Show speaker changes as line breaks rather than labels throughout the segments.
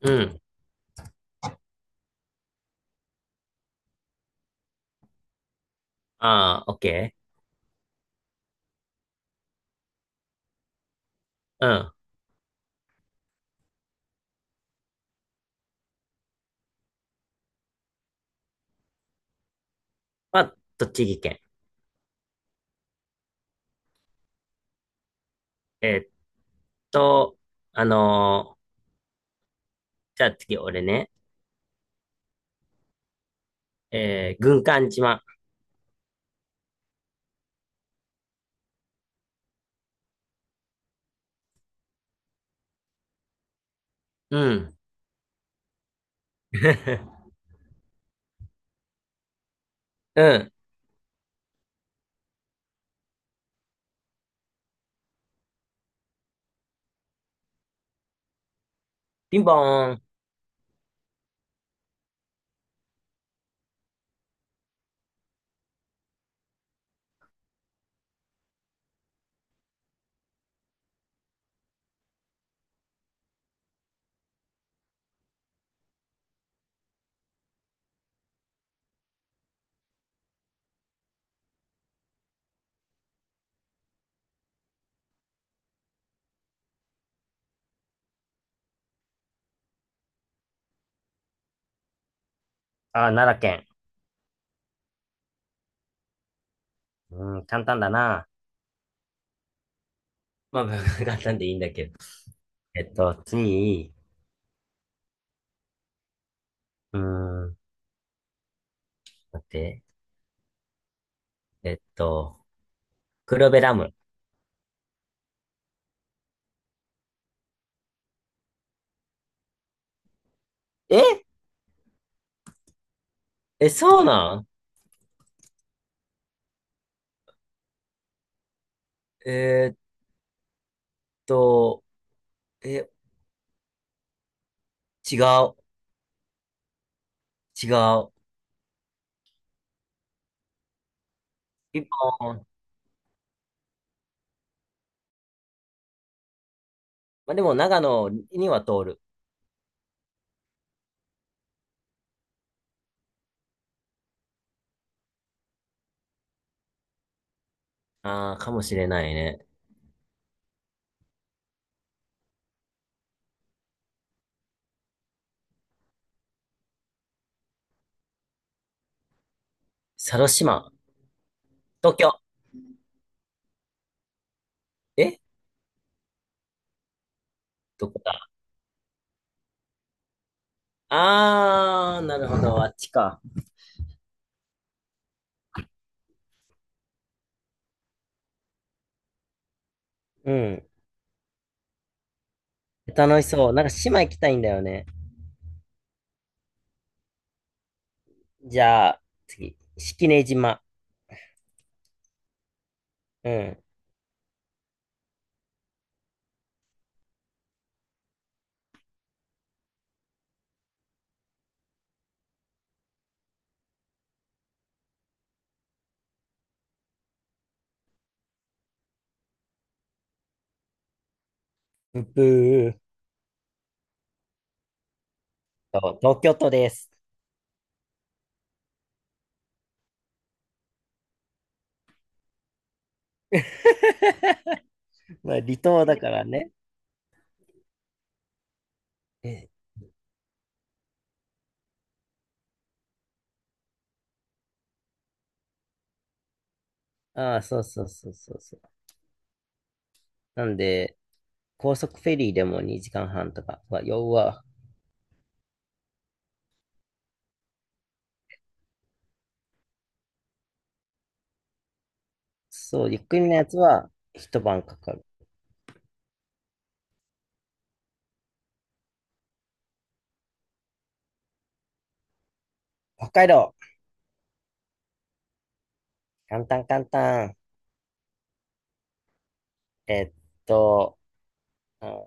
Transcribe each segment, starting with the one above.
うん。ああ、オッケー。OK、 うん。は、栃木県。えーっと、あのーじゃあ次俺ね。えー、軍艦島。うん。うん。ピンポーン。ああ、奈良県。うん、簡単だな。まあ、簡単でいいんだけど。えっと、次、うーん、待って。えっと、黒部ダム。ええ、そうなん？えーっと、え、違う。違う。ピンポーン。まあ、でも長野には通る。ああ、かもしれないね。佐渡島、東京。え、どこだ？ああー、なるほど。あっちか。うん。楽しそう。なんか島行きたいんだよね。じゃあ、次。式根島。うん。ブー。そう、東京都です。まあ、離島だからね。え、ああ、そうそうそうそうそう。なんで、高速フェリーでも2時間半とか。うわ、ようわ。そう、ゆっくりのやつは一晩かかる。北海道、簡単簡単。えっと、うん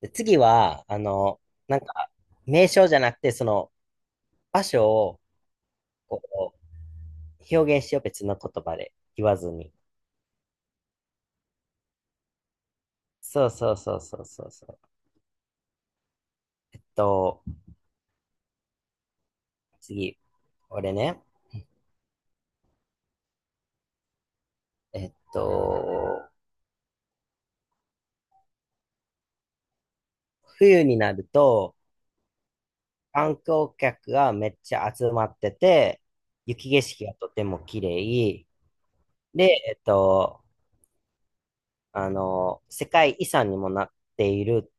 で次は、なんか、名称じゃなくて、その、場所を、こう、表現しよう、別の言葉で言わずに。そうそうそうそうそうそう。えっと、次、俺ね、えっと、冬になると、観光客がめっちゃ集まってて、雪景色がとても綺麗で、えっと、世界遺産にもなっている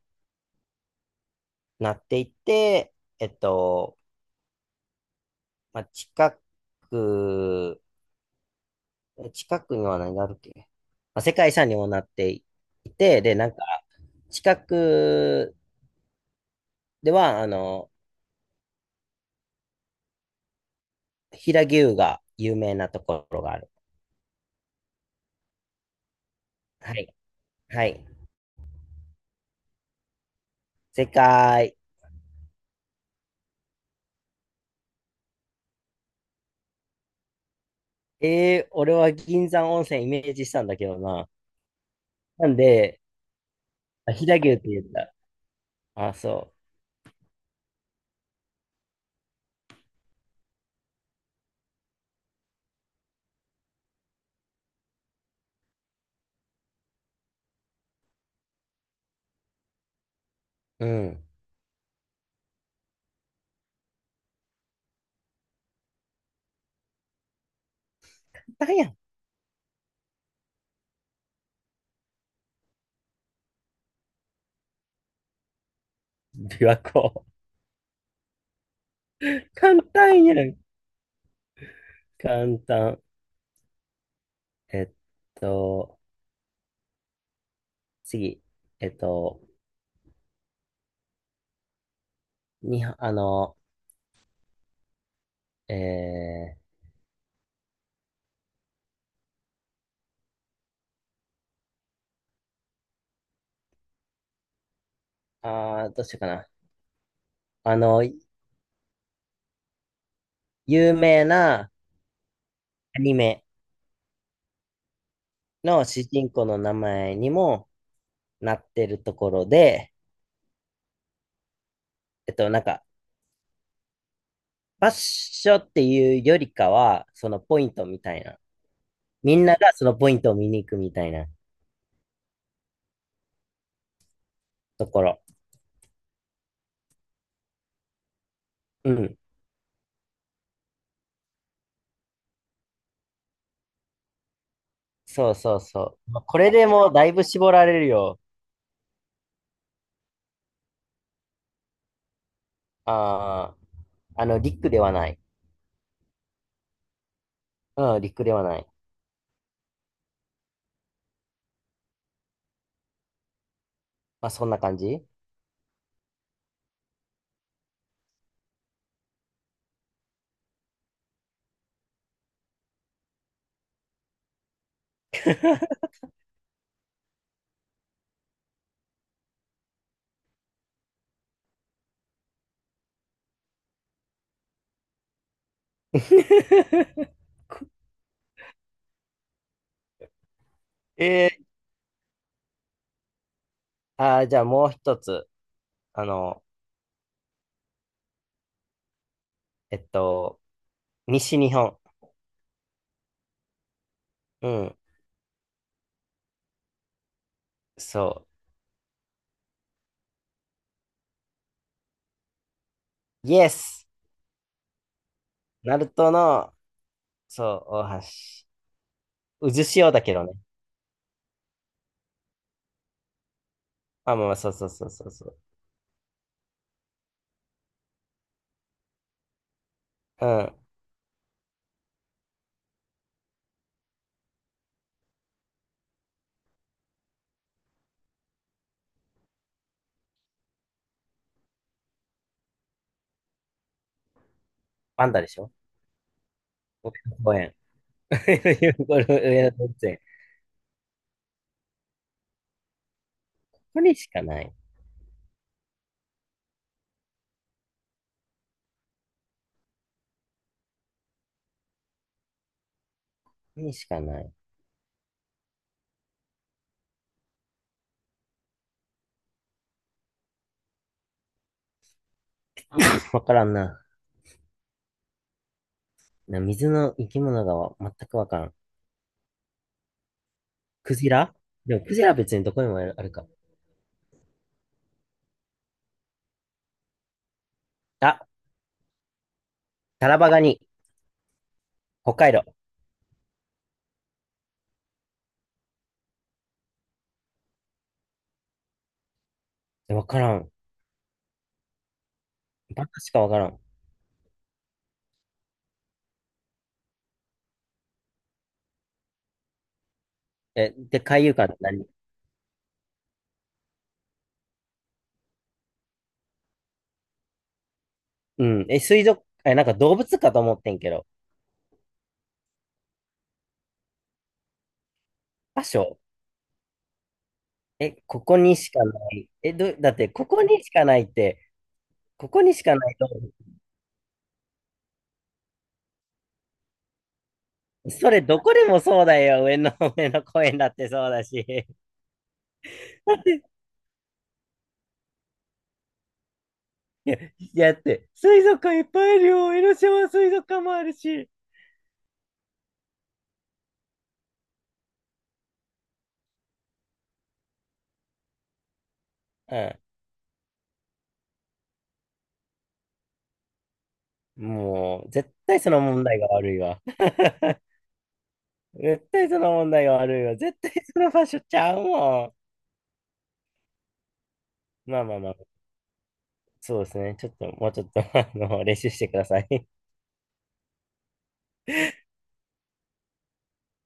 なっていって、えっと、まあ、く、近くには何があるっけ、まあ、世界遺産にもなっていて、で、なんか、近くでは、あの、平牛が有名なところがある。はい。はい。世界。えー、俺は銀山温泉イメージしたんだけどな。なんで、あ、飛騨牛って言った。あ、そう。うん。簡単やん。琵琶湖。簡単やん。簡単。えっと、次。えっと、に、あの、えー、あー、どうしようかな。あの、有名なアニメの主人公の名前にもなってるところで、えっと、なんか、場所ッショっていうよりかは、そのポイントみたいな。みんながそのポイントを見に行くみたいなところ。うん。そうそうそう。まあこれでもうだいぶ絞られるよ。ああ、あの、リックではない。うん、リックではない。まあ、そんな感じ。 えー、あー、じゃあもう一つ。あの、えっと、西日本。うん、そう。イエス。ナルトの、そう、大橋。渦潮だけどね。あ、まあまあ、そうそうそうそうそう。うん。パンダでしょ？上野公園。これ上野動物園。これしかない。これしかない。わからんな。な、水の生き物がわ全くわからん。クジラ、でもクジラは別にどこにもあるか。あ、タラバガニ。北海道。わからん。バカしかわからん。え、で、海遊館って何？うん。え、水族、え、なんか動物かと思ってんけど。場所？え、ここにしかない。え、ど、だって、ここにしかないって、ここにしかない動物。それ、どこでもそうだよ。上の、上の公園だってそうだし。だって、いや、いやだって、水族館いっぱいいるよ。江ノ島水族館もあるし。うん。もう、絶対その問題が悪いわ。絶対その問題が悪いわ。絶対その場所ちゃうもん。まあまあまあ。そうですね。ちょっと、もうちょっと、あの、練習してください。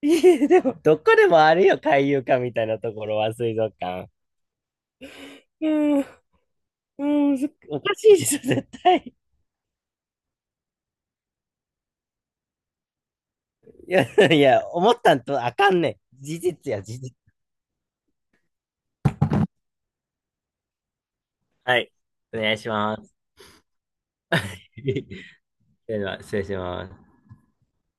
いえ、でも、どこでもあるよ、海遊館みたいなところは、水族館。うん、うん、すおかしいでしょ、絶対。いや、いや、思ったんとあかんねん。事実や、事実。はい。お願いします。では、失礼します。